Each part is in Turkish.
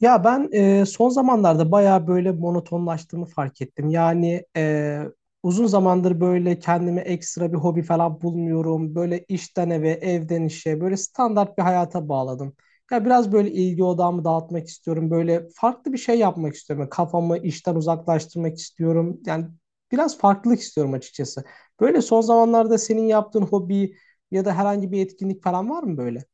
Ya ben son zamanlarda bayağı böyle monotonlaştığımı fark ettim. Yani uzun zamandır böyle kendime ekstra bir hobi falan bulmuyorum. Böyle işten eve, evden işe, böyle standart bir hayata bağladım. Ya biraz böyle ilgi odağımı dağıtmak istiyorum. Böyle farklı bir şey yapmak istiyorum. Yani kafamı işten uzaklaştırmak istiyorum. Yani biraz farklılık istiyorum açıkçası. Böyle son zamanlarda senin yaptığın hobi ya da herhangi bir etkinlik falan var mı böyle?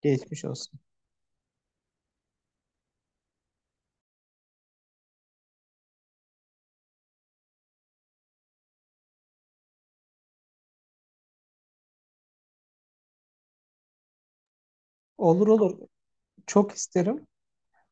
Geçmiş olsun. Olur olur. Çok isterim.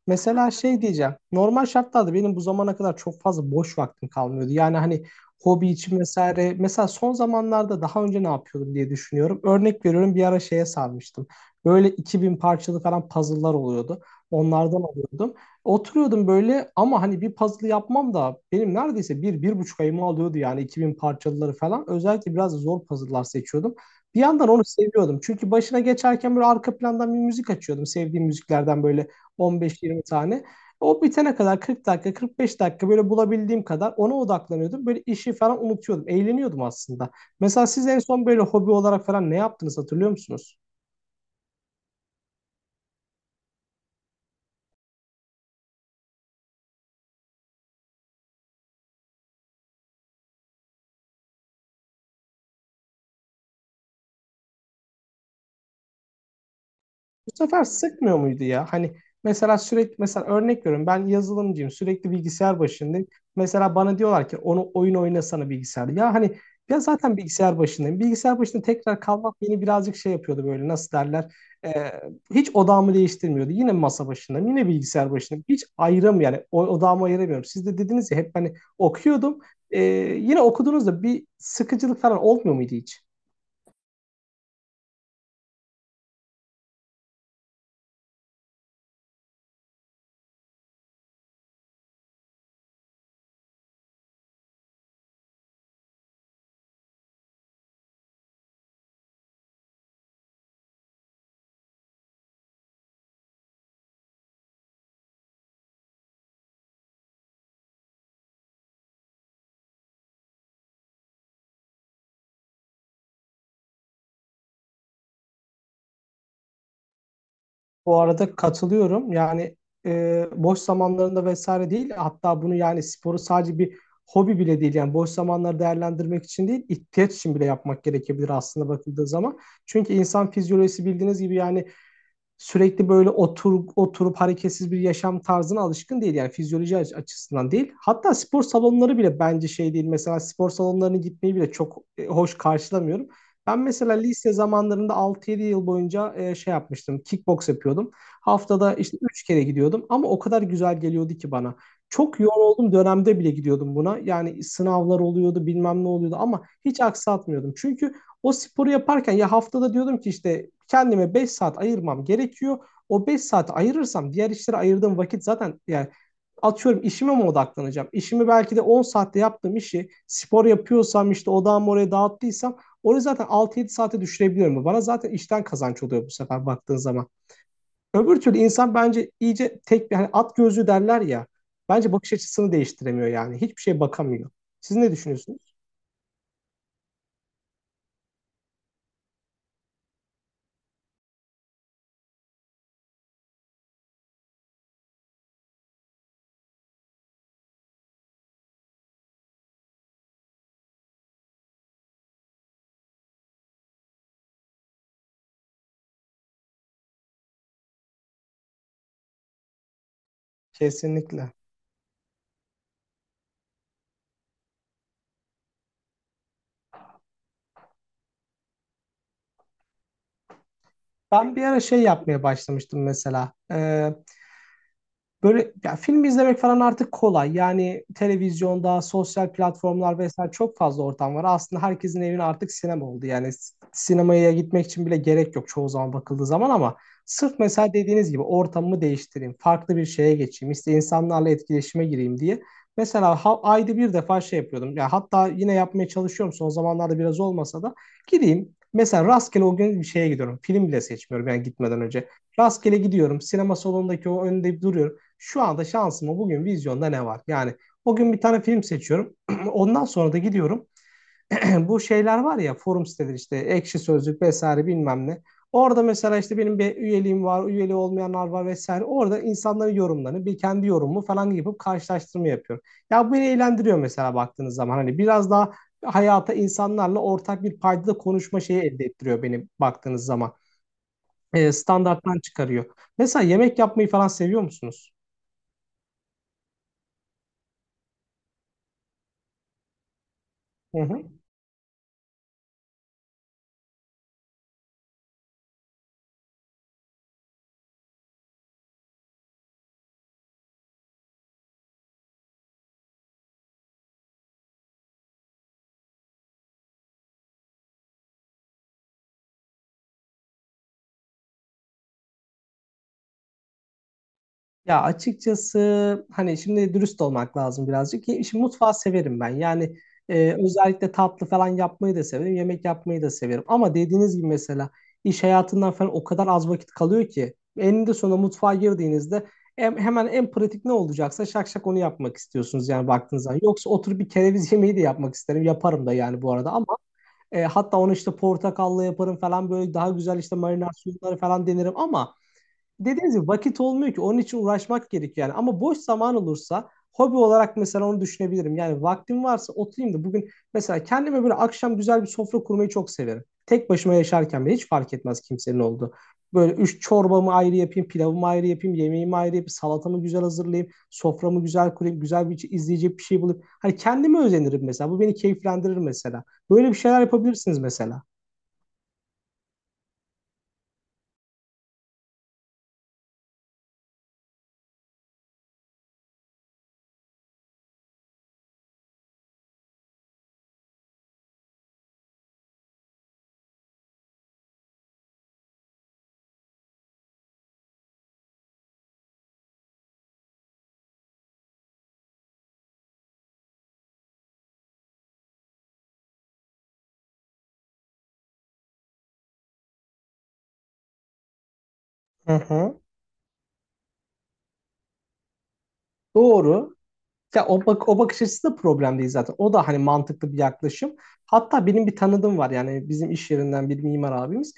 Mesela şey diyeceğim. Normal şartlarda benim bu zamana kadar çok fazla boş vaktim kalmıyordu. Yani hani hobi için vesaire. Mesela son zamanlarda daha önce ne yapıyordum diye düşünüyorum. Örnek veriyorum bir ara şeye sarmıştım. Böyle 2000 parçalı falan puzzle'lar oluyordu. Onlardan alıyordum. Oturuyordum böyle ama hani bir puzzle yapmam da benim neredeyse bir, bir buçuk ayımı alıyordu yani 2000 parçalıları falan. Özellikle biraz zor puzzle'lar seçiyordum. Bir yandan onu seviyordum. Çünkü başına geçerken böyle arka plandan bir müzik açıyordum. Sevdiğim müziklerden böyle 15-20 tane. O bitene kadar 40 dakika, 45 dakika böyle bulabildiğim kadar ona odaklanıyordum. Böyle işi falan unutuyordum. Eğleniyordum aslında. Mesela siz en son böyle hobi olarak falan ne yaptınız hatırlıyor musunuz? Bu sefer sıkmıyor muydu ya? Hani mesela sürekli mesela örnek veriyorum ben yazılımcıyım sürekli bilgisayar başındayım. Mesela bana diyorlar ki onu oyun oynasana bilgisayarda. Ya hani ya zaten bilgisayar başındayım. Bilgisayar başında tekrar kalmak beni birazcık şey yapıyordu böyle nasıl derler. Ee, Hiç odağımı değiştirmiyordu. Yine masa başındayım yine bilgisayar başındayım. Hiç ayrım yani odağımı ayıramıyorum. Siz de dediniz ya hep hani okuyordum. Ee, Yine okuduğunuzda bir sıkıcılık falan olmuyor muydu hiç? Bu arada katılıyorum. Yani boş zamanlarında vesaire değil. Hatta bunu yani sporu sadece bir hobi bile değil. Yani boş zamanları değerlendirmek için değil, ihtiyaç için bile yapmak gerekebilir aslında bakıldığı zaman. Çünkü insan fizyolojisi bildiğiniz gibi yani sürekli böyle otur, oturup hareketsiz bir yaşam tarzına alışkın değil. Yani fizyoloji açısından değil. Hatta spor salonları bile bence şey değil. Mesela spor salonlarına gitmeyi bile çok hoş karşılamıyorum. Ben mesela lise zamanlarında 6-7 yıl boyunca şey yapmıştım. Kickbox yapıyordum. Haftada işte 3 kere gidiyordum ama o kadar güzel geliyordu ki bana. Çok yoğun olduğum dönemde bile gidiyordum buna. Yani sınavlar oluyordu, bilmem ne oluyordu ama hiç aksatmıyordum. Çünkü o sporu yaparken ya haftada diyordum ki işte kendime 5 saat ayırmam gerekiyor. O 5 saat ayırırsam diğer işlere ayırdığım vakit zaten yani atıyorum işime mi odaklanacağım? İşimi belki de 10 saatte yaptığım işi spor yapıyorsam işte odağımı oraya dağıttıysam orayı zaten 6-7 saate düşürebiliyorum. Bana zaten işten kazanç oluyor bu sefer baktığın zaman. Öbür türlü insan bence iyice tek bir hani at gözlü derler ya. Bence bakış açısını değiştiremiyor yani. Hiçbir şeye bakamıyor. Siz ne düşünüyorsunuz? Kesinlikle. Ben bir ara şey yapmaya başlamıştım mesela. Böyle ya film izlemek falan artık kolay. Yani televizyonda, sosyal platformlar vesaire çok fazla ortam var. Aslında herkesin evine artık sinema oldu. Yani sinemaya gitmek için bile gerek yok çoğu zaman bakıldığı zaman ama sırf mesela dediğiniz gibi ortamımı değiştireyim, farklı bir şeye geçeyim, işte insanlarla etkileşime gireyim diye. Mesela ayda bir defa şey yapıyordum. Ya hatta yine yapmaya çalışıyorum son zamanlarda biraz olmasa da gireyim. Mesela rastgele o gün bir şeye gidiyorum. Film bile seçmiyorum yani gitmeden önce. Rastgele gidiyorum. Sinema salonundaki o önünde duruyorum şu anda şansıma bugün vizyonda ne var? Yani o gün bir tane film seçiyorum. Ondan sonra da gidiyorum. Bu şeyler var ya forum siteleri işte Ekşi Sözlük vesaire bilmem ne. Orada mesela işte benim bir üyeliğim var, üyeli olmayanlar var vesaire. Orada insanların yorumlarını, bir kendi yorumumu falan yapıp karşılaştırma yapıyorum. Ya bu beni eğlendiriyor mesela baktığınız zaman. Hani biraz daha hayata insanlarla ortak bir paydada konuşma şeyi elde ettiriyor beni baktığınız zaman. E, standarttan çıkarıyor. Mesela yemek yapmayı falan seviyor musunuz? Hı hı. Ya açıkçası hani şimdi dürüst olmak lazım birazcık. Şimdi mutfağı severim ben. Yani özellikle tatlı falan yapmayı da severim. Yemek yapmayı da severim. Ama dediğiniz gibi mesela iş hayatından falan o kadar az vakit kalıyor ki. Eninde sonunda mutfağa girdiğinizde hemen en pratik ne olacaksa şak şak onu yapmak istiyorsunuz yani baktığınız zaman. Yoksa oturup bir kereviz yemeği de yapmak isterim. Yaparım da yani bu arada ama hatta onu işte portakalla yaparım falan böyle daha güzel işte marinar suyunları falan denerim ama dediğiniz gibi vakit olmuyor ki onun için uğraşmak gerekiyor yani. Ama boş zaman olursa hobi olarak mesela onu düşünebilirim. Yani vaktim varsa oturayım da bugün mesela kendime böyle akşam güzel bir sofra kurmayı çok severim. Tek başıma yaşarken bile hiç fark etmez kimsenin olduğu. Böyle 3 çorbamı ayrı yapayım, pilavımı ayrı yapayım, yemeğimi ayrı yapayım, salatamı güzel hazırlayayım, soframı güzel kurayım, güzel bir izleyecek bir şey bulup. Hani kendime özenirim mesela. Bu beni keyiflendirir mesela. Böyle bir şeyler yapabilirsiniz mesela. Hı hı. Doğru. Ya o, bak o bakış açısı da problem değil zaten. O da hani mantıklı bir yaklaşım. Hatta benim bir tanıdığım var yani bizim iş yerinden bir mimar abimiz.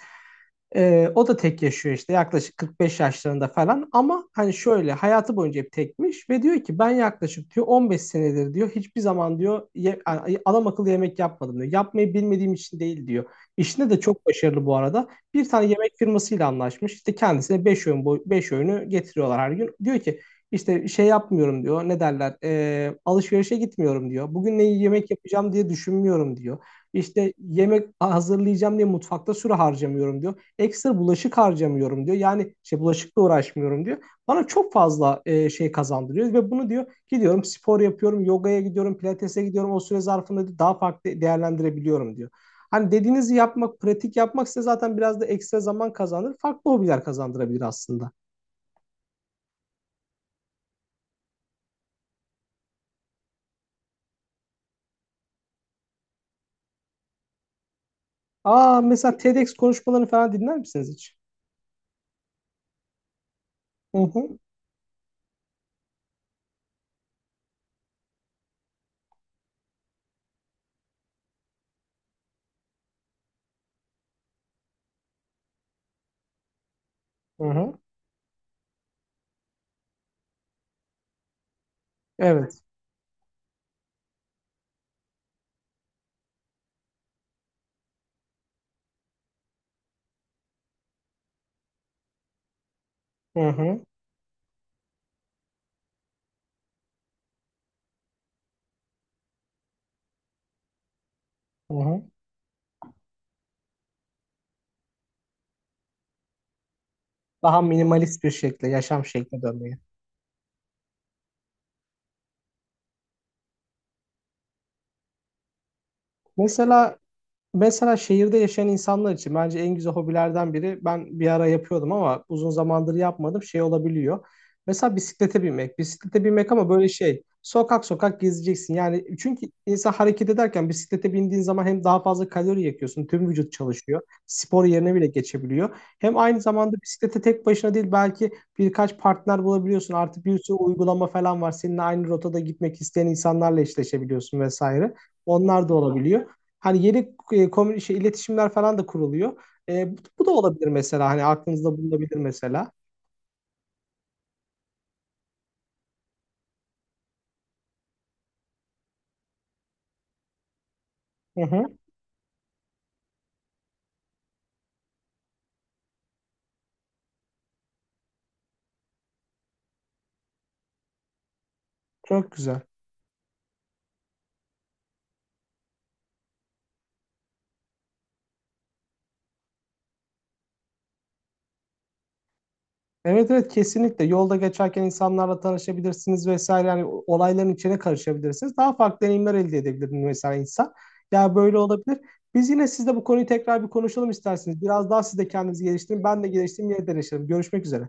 O da tek yaşıyor işte yaklaşık 45 yaşlarında falan ama hani şöyle hayatı boyunca hep tekmiş ve diyor ki ben yaklaşık diyor 15 senedir diyor hiçbir zaman diyor adam akıllı yemek yapmadım diyor. Yapmayı bilmediğim için değil diyor. İşinde de çok başarılı bu arada. Bir tane yemek firmasıyla anlaşmış. İşte kendisine 5 öğün boy 5 öğünü getiriyorlar her gün. Diyor ki işte şey yapmıyorum diyor. Ne derler? Alışverişe gitmiyorum diyor. Bugün ne yemek yapacağım diye düşünmüyorum diyor. İşte yemek hazırlayacağım diye mutfakta süre harcamıyorum diyor. Ekstra bulaşık harcamıyorum diyor. Yani şey bulaşıkla uğraşmıyorum diyor. Bana çok fazla şey kazandırıyor ve bunu diyor gidiyorum spor yapıyorum, yogaya gidiyorum, pilatese gidiyorum. O süre zarfında diyor, daha farklı değerlendirebiliyorum diyor. Hani dediğinizi yapmak, pratik yapmak size zaten biraz da ekstra zaman kazandırır. Farklı hobiler kazandırabilir aslında. Aa mesela TEDx konuşmalarını falan dinler misiniz hiç? Hı hı, hı hı, evet. Hı hı, hı hı. Daha minimalist bir şekilde, yaşam şekline dönmeyi. Mesela mesela şehirde yaşayan insanlar için bence en güzel hobilerden biri ben bir ara yapıyordum ama uzun zamandır yapmadım şey olabiliyor. Mesela bisiklete binmek. Bisiklete binmek ama böyle şey sokak sokak gezeceksin. Yani çünkü insan hareket ederken bisiklete bindiğin zaman hem daha fazla kalori yakıyorsun. Tüm vücut çalışıyor. Spor yerine bile geçebiliyor. Hem aynı zamanda bisiklete tek başına değil belki birkaç partner bulabiliyorsun. Artık bir sürü uygulama falan var. Seninle aynı rotada gitmek isteyen insanlarla eşleşebiliyorsun vesaire. Onlar da olabiliyor. Hani yeni şey, iletişimler falan da kuruluyor. E, bu, bu da olabilir mesela. Hani aklınızda bulunabilir mesela. Hı hı. Çok güzel. Evet evet kesinlikle. Yolda geçerken insanlarla tanışabilirsiniz vesaire. Yani olayların içine karışabilirsiniz. Daha farklı deneyimler elde edebilir mesela insan. Ya böyle olabilir. Biz yine sizle bu konuyu tekrar bir konuşalım isterseniz. Biraz daha siz de kendinizi geliştirin. Ben de geliştireyim, yeniden deneşelim. Görüşmek üzere.